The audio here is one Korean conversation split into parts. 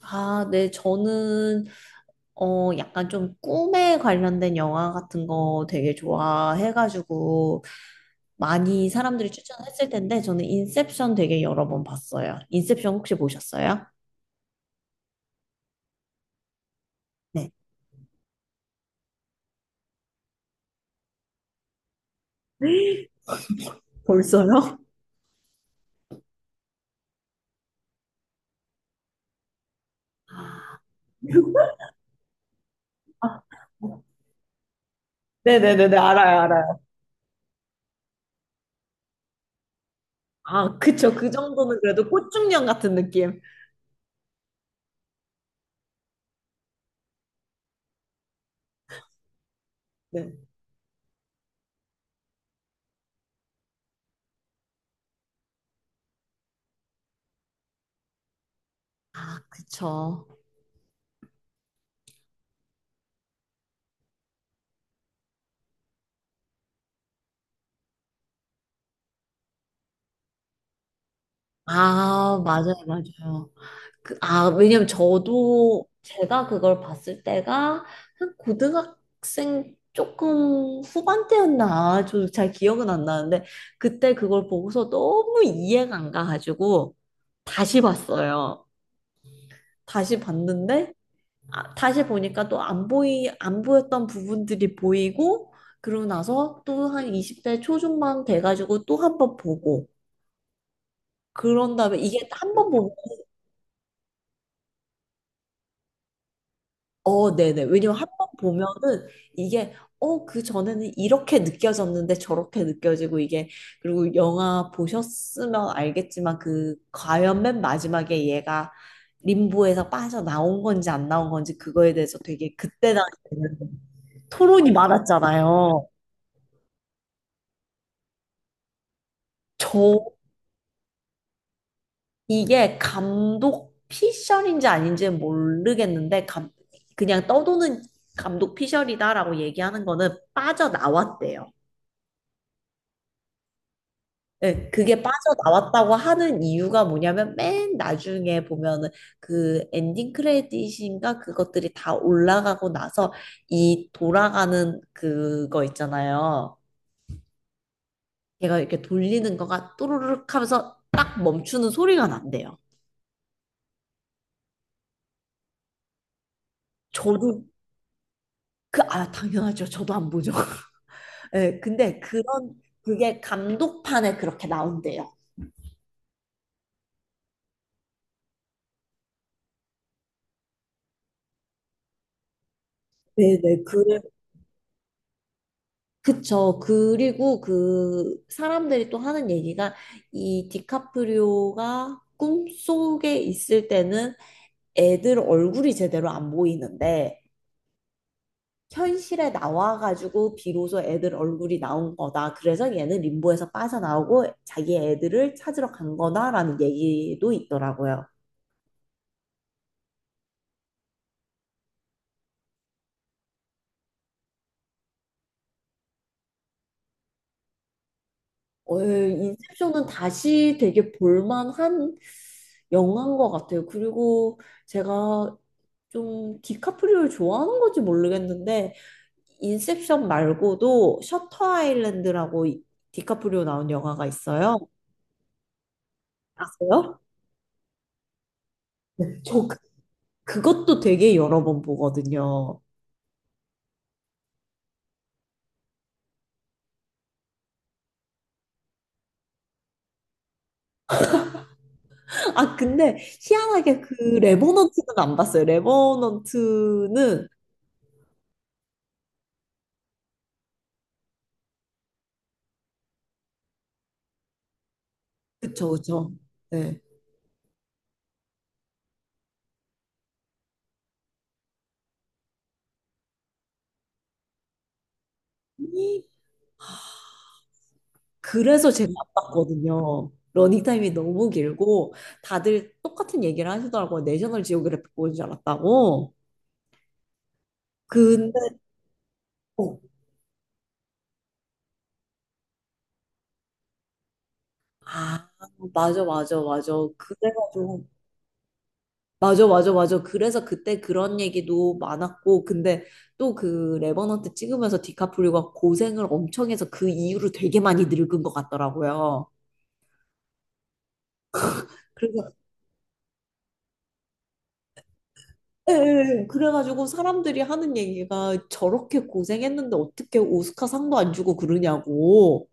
아, 네, 저는, 약간 좀 꿈에 관련된 영화 같은 거 되게 좋아해가지고, 많이 사람들이 추천했을 텐데, 저는 인셉션 되게 여러 번 봤어요. 인셉션 혹시 보셨어요? 네. 벌써요? 아, 네네네네, 알아요, 알아요. 아, 그쵸. 그 정도는 그래도 꽃중년 같은 느낌. 네. 아, 그쵸. 아, 맞아요, 맞아요. 아, 왜냐면 저도 제가 그걸 봤을 때가 한 고등학생 조금 후반때였나? 저도 잘 기억은 안 나는데 그때 그걸 보고서 너무 이해가 안 가가지고 다시 봤어요. 다시 봤는데 아, 다시 보니까 또 안 보였던 부분들이 보이고 그러고 나서 또 한 20대 초중반 돼가지고 또 한 번 보고 그런 다음에 이게 한 번 보면 어, 네네. 왜냐면 한번 보면은 이게, 그 전에는 이렇게 느껴졌는데 저렇게 느껴지고 이게, 그리고 영화 보셨으면 알겠지만 과연 맨 마지막에 얘가 림보에서 빠져나온 건지 안 나온 건지 그거에 대해서 되게 그때 당시에는 토론이 많았잖아요. 저, 이게 감독 피셜인지 아닌지는 모르겠는데, 그냥 떠도는 감독 피셜이다라고 얘기하는 거는 빠져나왔대요. 네, 그게 빠져나왔다고 하는 이유가 뭐냐면 맨 나중에 보면은 그 엔딩 크레딧인가 그것들이 다 올라가고 나서 이 돌아가는 그거 있잖아요. 걔가 이렇게 돌리는 거가 또르륵 하면서 딱 멈추는 소리가 난대요. 저도 아, 당연하죠. 저도 안 보죠. 네, 근데 그게 감독판에 그렇게 나온대요. 네네, 그래. 그쵸. 그리고 그 사람들이 또 하는 얘기가 이 디카프리오가 꿈속에 있을 때는 애들 얼굴이 제대로 안 보이는데 현실에 나와가지고 비로소 애들 얼굴이 나온 거다. 그래서 얘는 림보에서 빠져나오고 자기 애들을 찾으러 간 거다라는 얘기도 있더라고요. 인셉션은 다시 되게 볼만한 영화인 것 같아요. 그리고 제가 좀 디카프리오를 좋아하는 건지 모르겠는데 인셉션 말고도 셔터 아일랜드라고 디카프리오 나온 영화가 있어요. 아세요? 네, 그것도 되게 여러 번 보거든요. 아 근데 희한하게 그 레버넌트는 안 봤어요. 레버넌트는 그쵸 그쵸. 네. 그래서 제가 안 봤거든요. 러닝타임이 너무 길고 다들 똑같은 얘기를 하시더라고요. 내셔널 지오그래픽 보는 줄 알았다고. 근데 어, 아 맞아 맞아 맞아 그래가지고 맞아 맞아 맞아 그래서 그때 그런 얘기도 많았고 근데 또 그 레버넌트 찍으면서 디카프리오가 고생을 엄청 해서 그 이후로 되게 많이 늙은 것 같더라고요. 그래서 예, 예, 예. 그래가지고 사람들이 하는 얘기가 저렇게 고생했는데 어떻게 오스카상도 안 주고 그러냐고.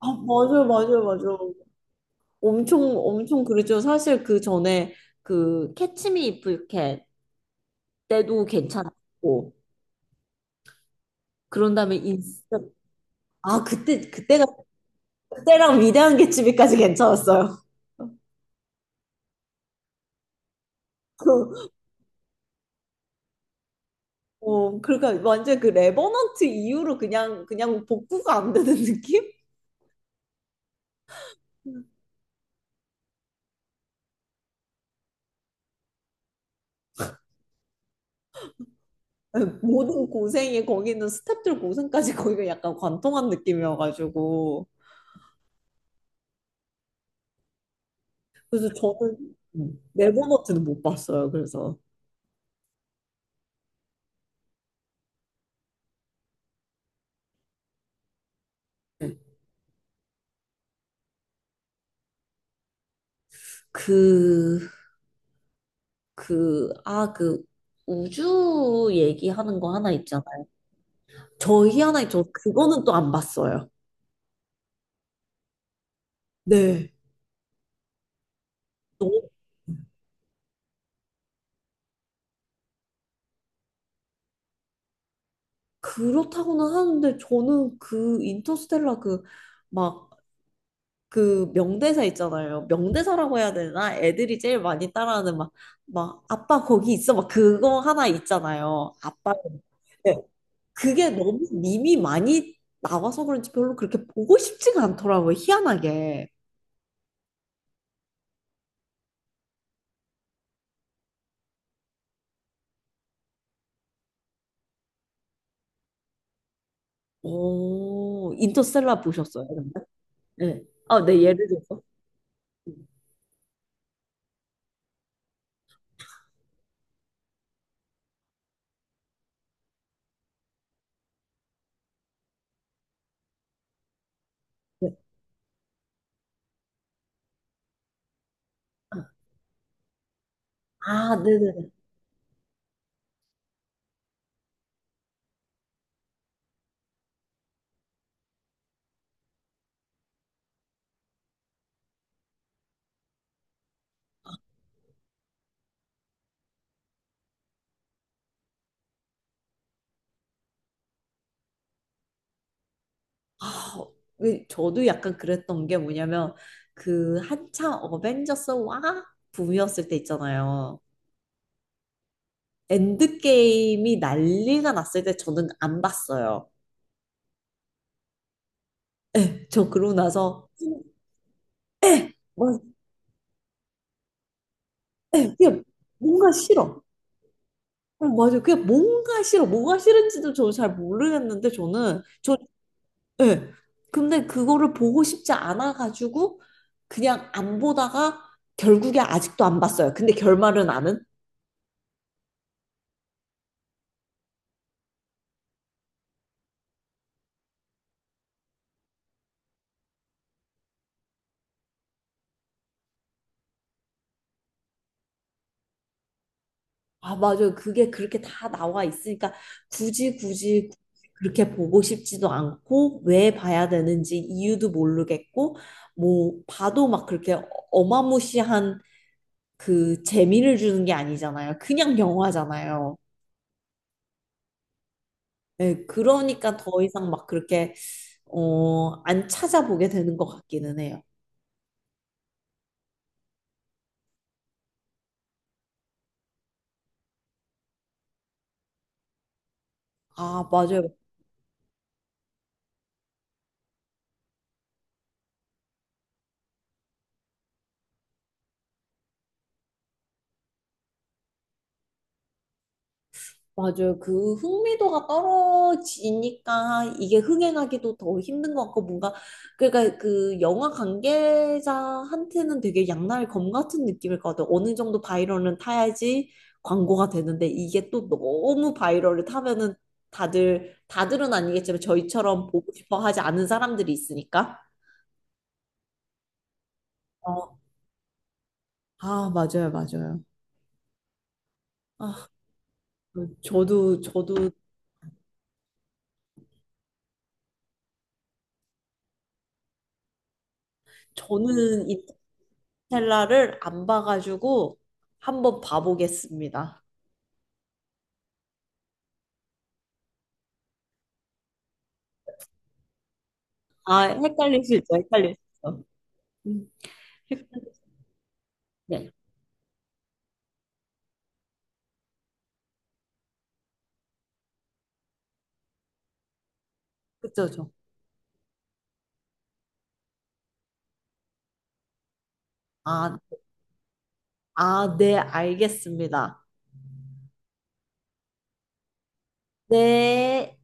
아, 맞아요, 맞아요, 맞아요. 엄청, 엄청 그랬죠. 사실 그 전에 그 캐치미 이프 유캔 때도 괜찮았고. 그런 다음에 인스 아, 그때랑 위대한 개츠비까지 괜찮았어요. 그, 그러니까 완전 그 레버넌트 이후로 그냥 복구가 안 되는 느낌? 모든 고생이 거기는 스태프들 고생까지 거기가 약간 관통한 느낌이어가지고 그래서 저는 네버너트는 못 봤어요. 그래서 그, 그 우주 얘기하는 거 하나 있잖아요. 저희 하나저 그거는 또 안 봤어요. 네. 너무 그렇다고는 하는데 저는 그 인터스텔라 그막 그 명대사 있잖아요. 명대사라고 해야 되나? 애들이 제일 많이 따라하는 막, 아빠 거기 있어. 막 그거 하나 있잖아요. 아빠. 네. 그게 너무 밈이 많이 나와서 그런지 별로 그렇게 보고 싶지가 않더라고요. 희한하게. 오, 인터스텔라 보셨어요? 근데? 네. 아, 네, 예를 들어서. 네. 아, 네네네. 아, 왜 저도 약간 그랬던 게 뭐냐면, 그 한창 어벤져스 와 붐이었을 때 있잖아요. 엔드게임이 난리가 났을 때 저는 안 봤어요. 예, 저 그러고 나서 그냥 뭐- 예, 그냥 뭔가 싫어. 어, 맞아요. 그냥 뭔가 싫어. 뭐가 싫은지도 저는 잘 모르겠는데 저는 예. 근데 그거를 보고 싶지 않아 가지고 그냥 안 보다가 결국에 아직도 안 봤어요. 근데 결말은 아는. 아, 맞아요. 그게 그렇게 다 나와 있으니까 굳이 굳이 그렇게 보고 싶지도 않고 왜 봐야 되는지 이유도 모르겠고 뭐 봐도 막 그렇게 어마무시한 그 재미를 주는 게 아니잖아요. 그냥 영화잖아요. 네, 그러니까 더 이상 막 그렇게 안 찾아보게 되는 것 같기는 해요. 아, 맞아요. 맞아요. 그 흥미도가 떨어지니까 이게 흥행하기도 더 힘든 것 같고 뭔가 그러니까 그 영화 관계자한테는 되게 양날 검 같은 느낌일 것 같아요. 어느 정도 바이럴은 타야지 광고가 되는데 이게 또 너무 바이럴을 타면은 다들은 아니겠지만 저희처럼 보고 싶어 하지 않은 사람들이 있으니까. 어, 아, 맞아요, 맞아요. 아, 저도 저는 인터스텔라를 안 봐가지고 한번 봐보겠습니다. 아, 헷갈리시죠? 헷갈리시죠? 음, 헷갈리시- 네, 그쵸, 죠 아, 아, 네, 알겠습니다. 네.